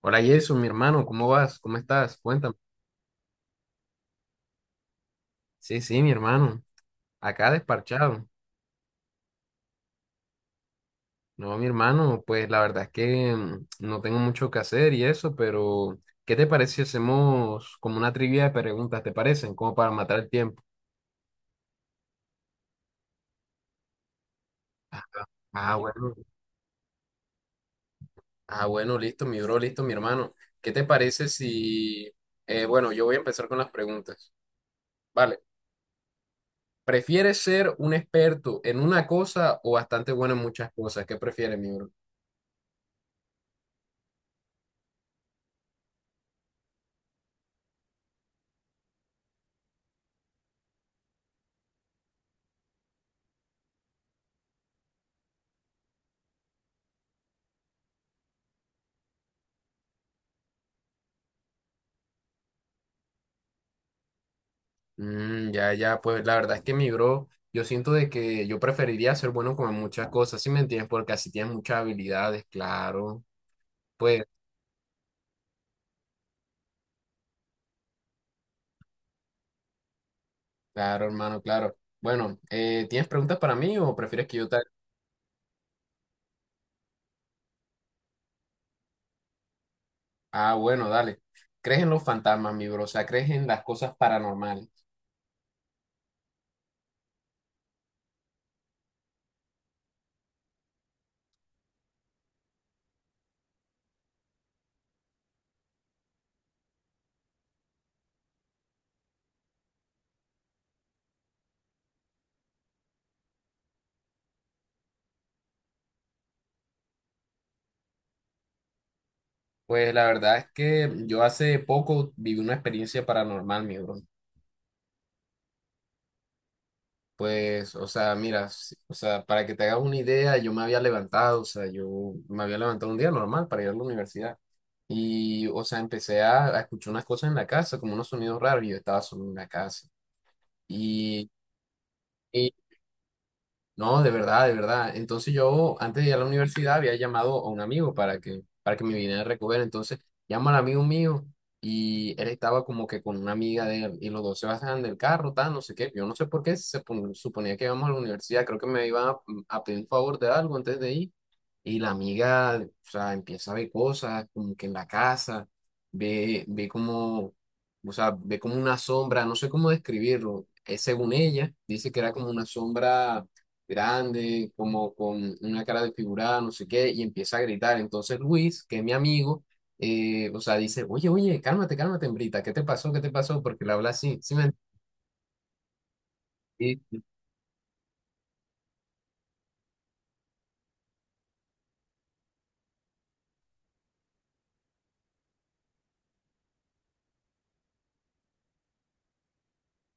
Hola, Jason, mi hermano, ¿cómo vas? ¿Cómo estás? Cuéntame. Sí, sí, mi hermano. Acá desparchado. No, mi hermano, pues la verdad es que no tengo mucho que hacer y eso, pero ¿qué te parece si hacemos como una trivia de preguntas? ¿Te parecen? Como para matar el tiempo. Ah, bueno. Ah, bueno, listo, mi bro, listo, mi hermano. ¿Qué te parece si... bueno, yo voy a empezar con las preguntas. Vale. ¿Prefieres ser un experto en una cosa o bastante bueno en muchas cosas? ¿Qué prefieres, mi bro? Mm, ya, ya, pues la verdad es que, mi bro, yo siento de que yo preferiría ser bueno con muchas cosas, ¿sí me entiendes? Porque así tienes muchas habilidades, claro. Pues, claro, hermano, claro. Bueno, ¿tienes preguntas para mí o prefieres que yo te... Ah, bueno, dale. ¿Crees en los fantasmas, mi bro? O sea, ¿crees en las cosas paranormales? Pues la verdad es que yo hace poco viví una experiencia paranormal, mi bro. Pues, o sea, mira, o sea, para que te hagas una idea, yo me había levantado, o sea, yo me había levantado un día normal para ir a la universidad. Y, o sea, empecé a escuchar unas cosas en la casa, como unos sonidos raros, y yo estaba solo en la casa. Y, no, de verdad, de verdad. Entonces yo antes de ir a la universidad había llamado a un amigo para que me viniera a recoger. Entonces llamo al amigo mío y él estaba como que con una amiga de él y los dos se bajan del carro, tal, no sé qué. Yo no sé por qué suponía que íbamos a la universidad. Creo que me iban a, a pedir un favor de algo antes de ir. Y la amiga, o sea, empieza a ver cosas como que en la casa, ve, ve como, o sea, ve como una sombra, no sé cómo describirlo. Según ella, dice que era como una sombra grande, como con una cara desfigurada, no sé qué, y empieza a gritar. Entonces Luis, que es mi amigo, o sea, dice, oye, oye, cálmate, cálmate, hembrita, ¿qué te pasó? ¿Qué te pasó? Porque le habla así, ¿sí me entendí?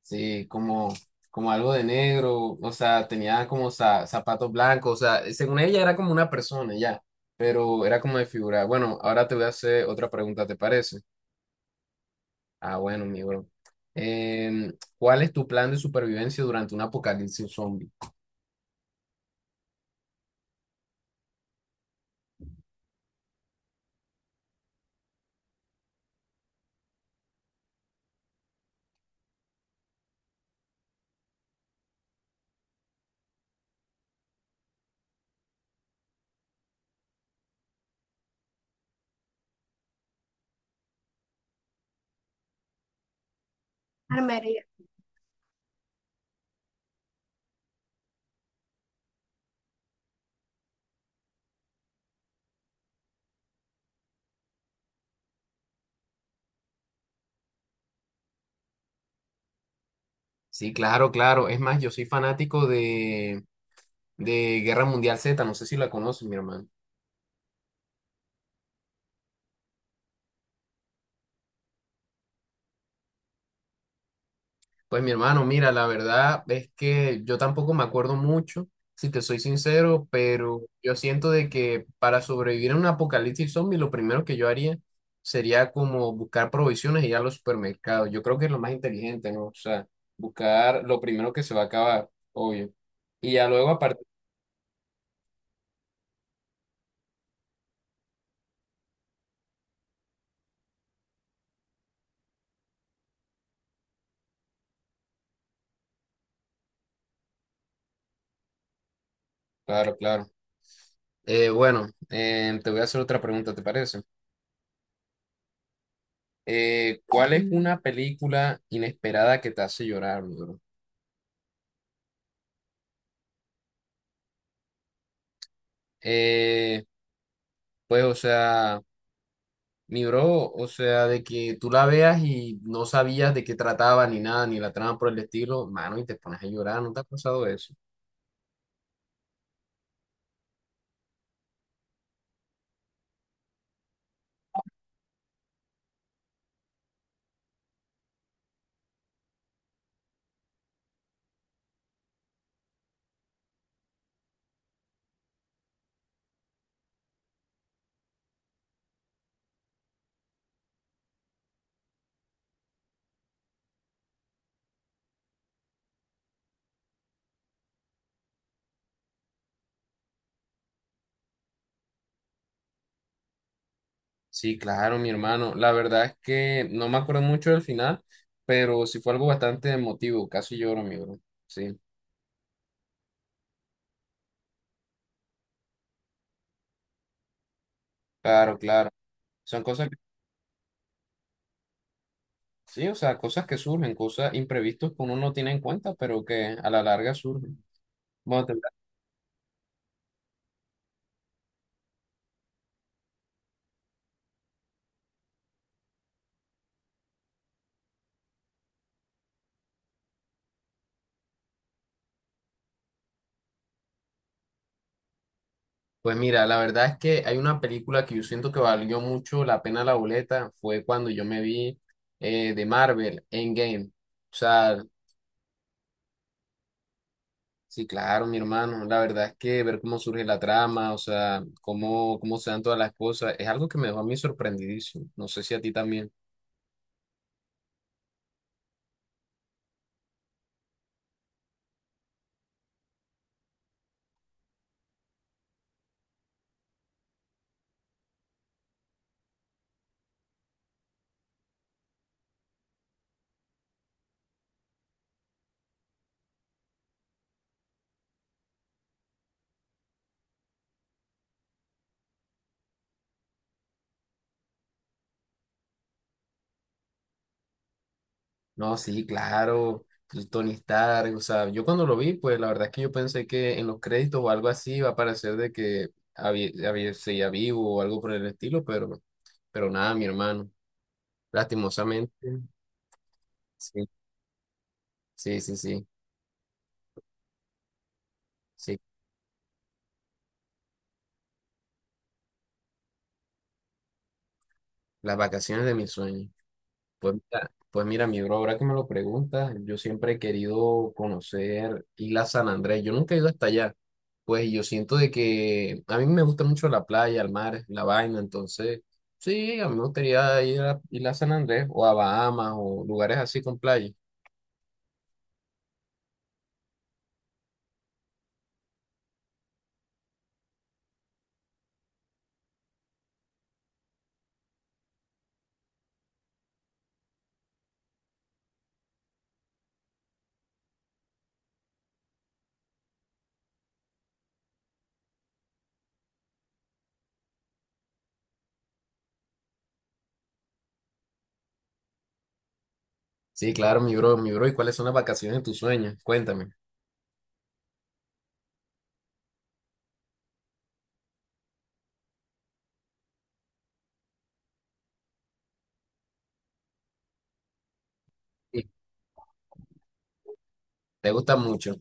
Sí, como, como algo de negro, o sea, tenía como zapatos blancos, o sea, según ella era como una persona ya, pero era como desfigurada. Bueno, ahora te voy a hacer otra pregunta, ¿te parece? Ah, bueno, mi bro. Em, ¿Cuál es tu plan de supervivencia durante un apocalipsis zombie? Sí, claro, claro. Es más, yo soy fanático de Guerra Mundial Z, no sé si la conoces, mi hermano. Pues, mi hermano, mira, la verdad es que yo tampoco me acuerdo mucho, si te soy sincero, pero yo siento de que para sobrevivir a un apocalipsis zombie, lo primero que yo haría sería como buscar provisiones y ir a los supermercados. Yo creo que es lo más inteligente, ¿no? O sea, buscar lo primero que se va a acabar, obvio. Y ya luego, aparte, claro, claro. Bueno, te voy a hacer otra pregunta, ¿te parece? ¿Cuál es una película inesperada que te hace llorar, mi bro? Eh, pues, o sea, mi bro, o sea, de que tú la veas y no sabías de qué trataba ni nada, ni la trama por el estilo, mano, y te pones a llorar, ¿no te ha pasado eso? Sí, claro, mi hermano. La verdad es que no me acuerdo mucho del final, pero sí fue algo bastante emotivo, casi lloro, mi bro. Sí, claro, claro. Son cosas que, sí, o sea, cosas que surgen, cosas imprevistas que uno no tiene en cuenta, pero que a la larga surgen. Bueno, pues mira, la verdad es que hay una película que yo siento que valió mucho la pena la boleta, fue cuando yo me vi, de Marvel, Endgame. O sea, sí, claro, mi hermano, la verdad es que ver cómo surge la trama, o sea, cómo se dan todas las cosas, es algo que me dejó a mí sorprendidísimo. No sé si a ti también. No, sí, claro, el Tony Stark, o sea, yo cuando lo vi, pues la verdad es que yo pensé que en los créditos o algo así iba a parecer de que había, seguía vivo o algo por el estilo, pero nada, mi hermano. Lastimosamente, sí, sí, sí, sí, sí, las vacaciones de mis sueños. Pues mira, mi bro, ahora que me lo preguntas, yo siempre he querido conocer Isla San Andrés, yo nunca he ido hasta allá, pues yo siento de que a mí me gusta mucho la playa, el mar, la vaina, entonces, sí, a mí me gustaría ir a Isla San Andrés o a Bahamas o lugares así con playa. Sí, claro, mi bro, ¿y cuáles son las vacaciones de tus sueños? Cuéntame. Sí, ¿te gusta mucho?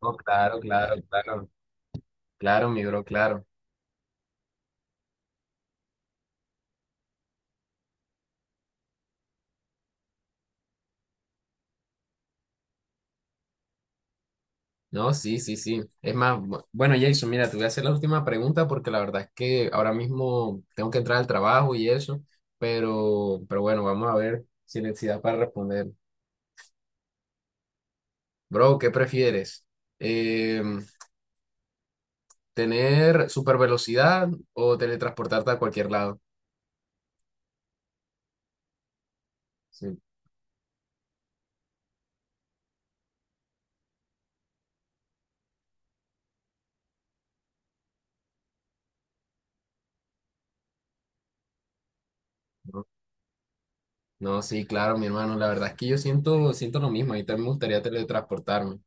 Oh, claro, claro, claro, claro, mi bro, claro. No, sí, sí, sí. Es más, bueno, Jason, mira, te voy a hacer la última pregunta porque la verdad es que ahora mismo tengo que entrar al trabajo y eso, pero bueno, vamos a ver si necesidad para responder. Bro, ¿qué prefieres? Em, ¿Tener super velocidad o teletransportarte a cualquier lado? Sí, no, no, sí, claro, mi hermano, la verdad es que yo siento, siento lo mismo, a mí también me gustaría teletransportarme.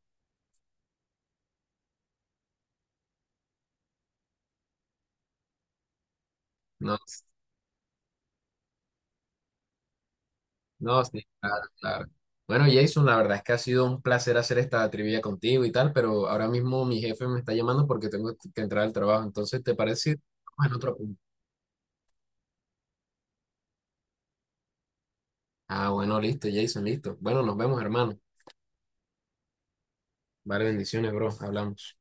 No, no, sí, claro, claro. Bueno, Jason, la verdad es que ha sido un placer hacer esta trivia contigo y tal, pero ahora mismo mi jefe me está llamando porque tengo que entrar al trabajo. Entonces, ¿te parece si vamos en otro punto? Ah, bueno, listo, Jason, listo. Bueno, nos vemos, hermano. Vale, bendiciones, bro. Hablamos.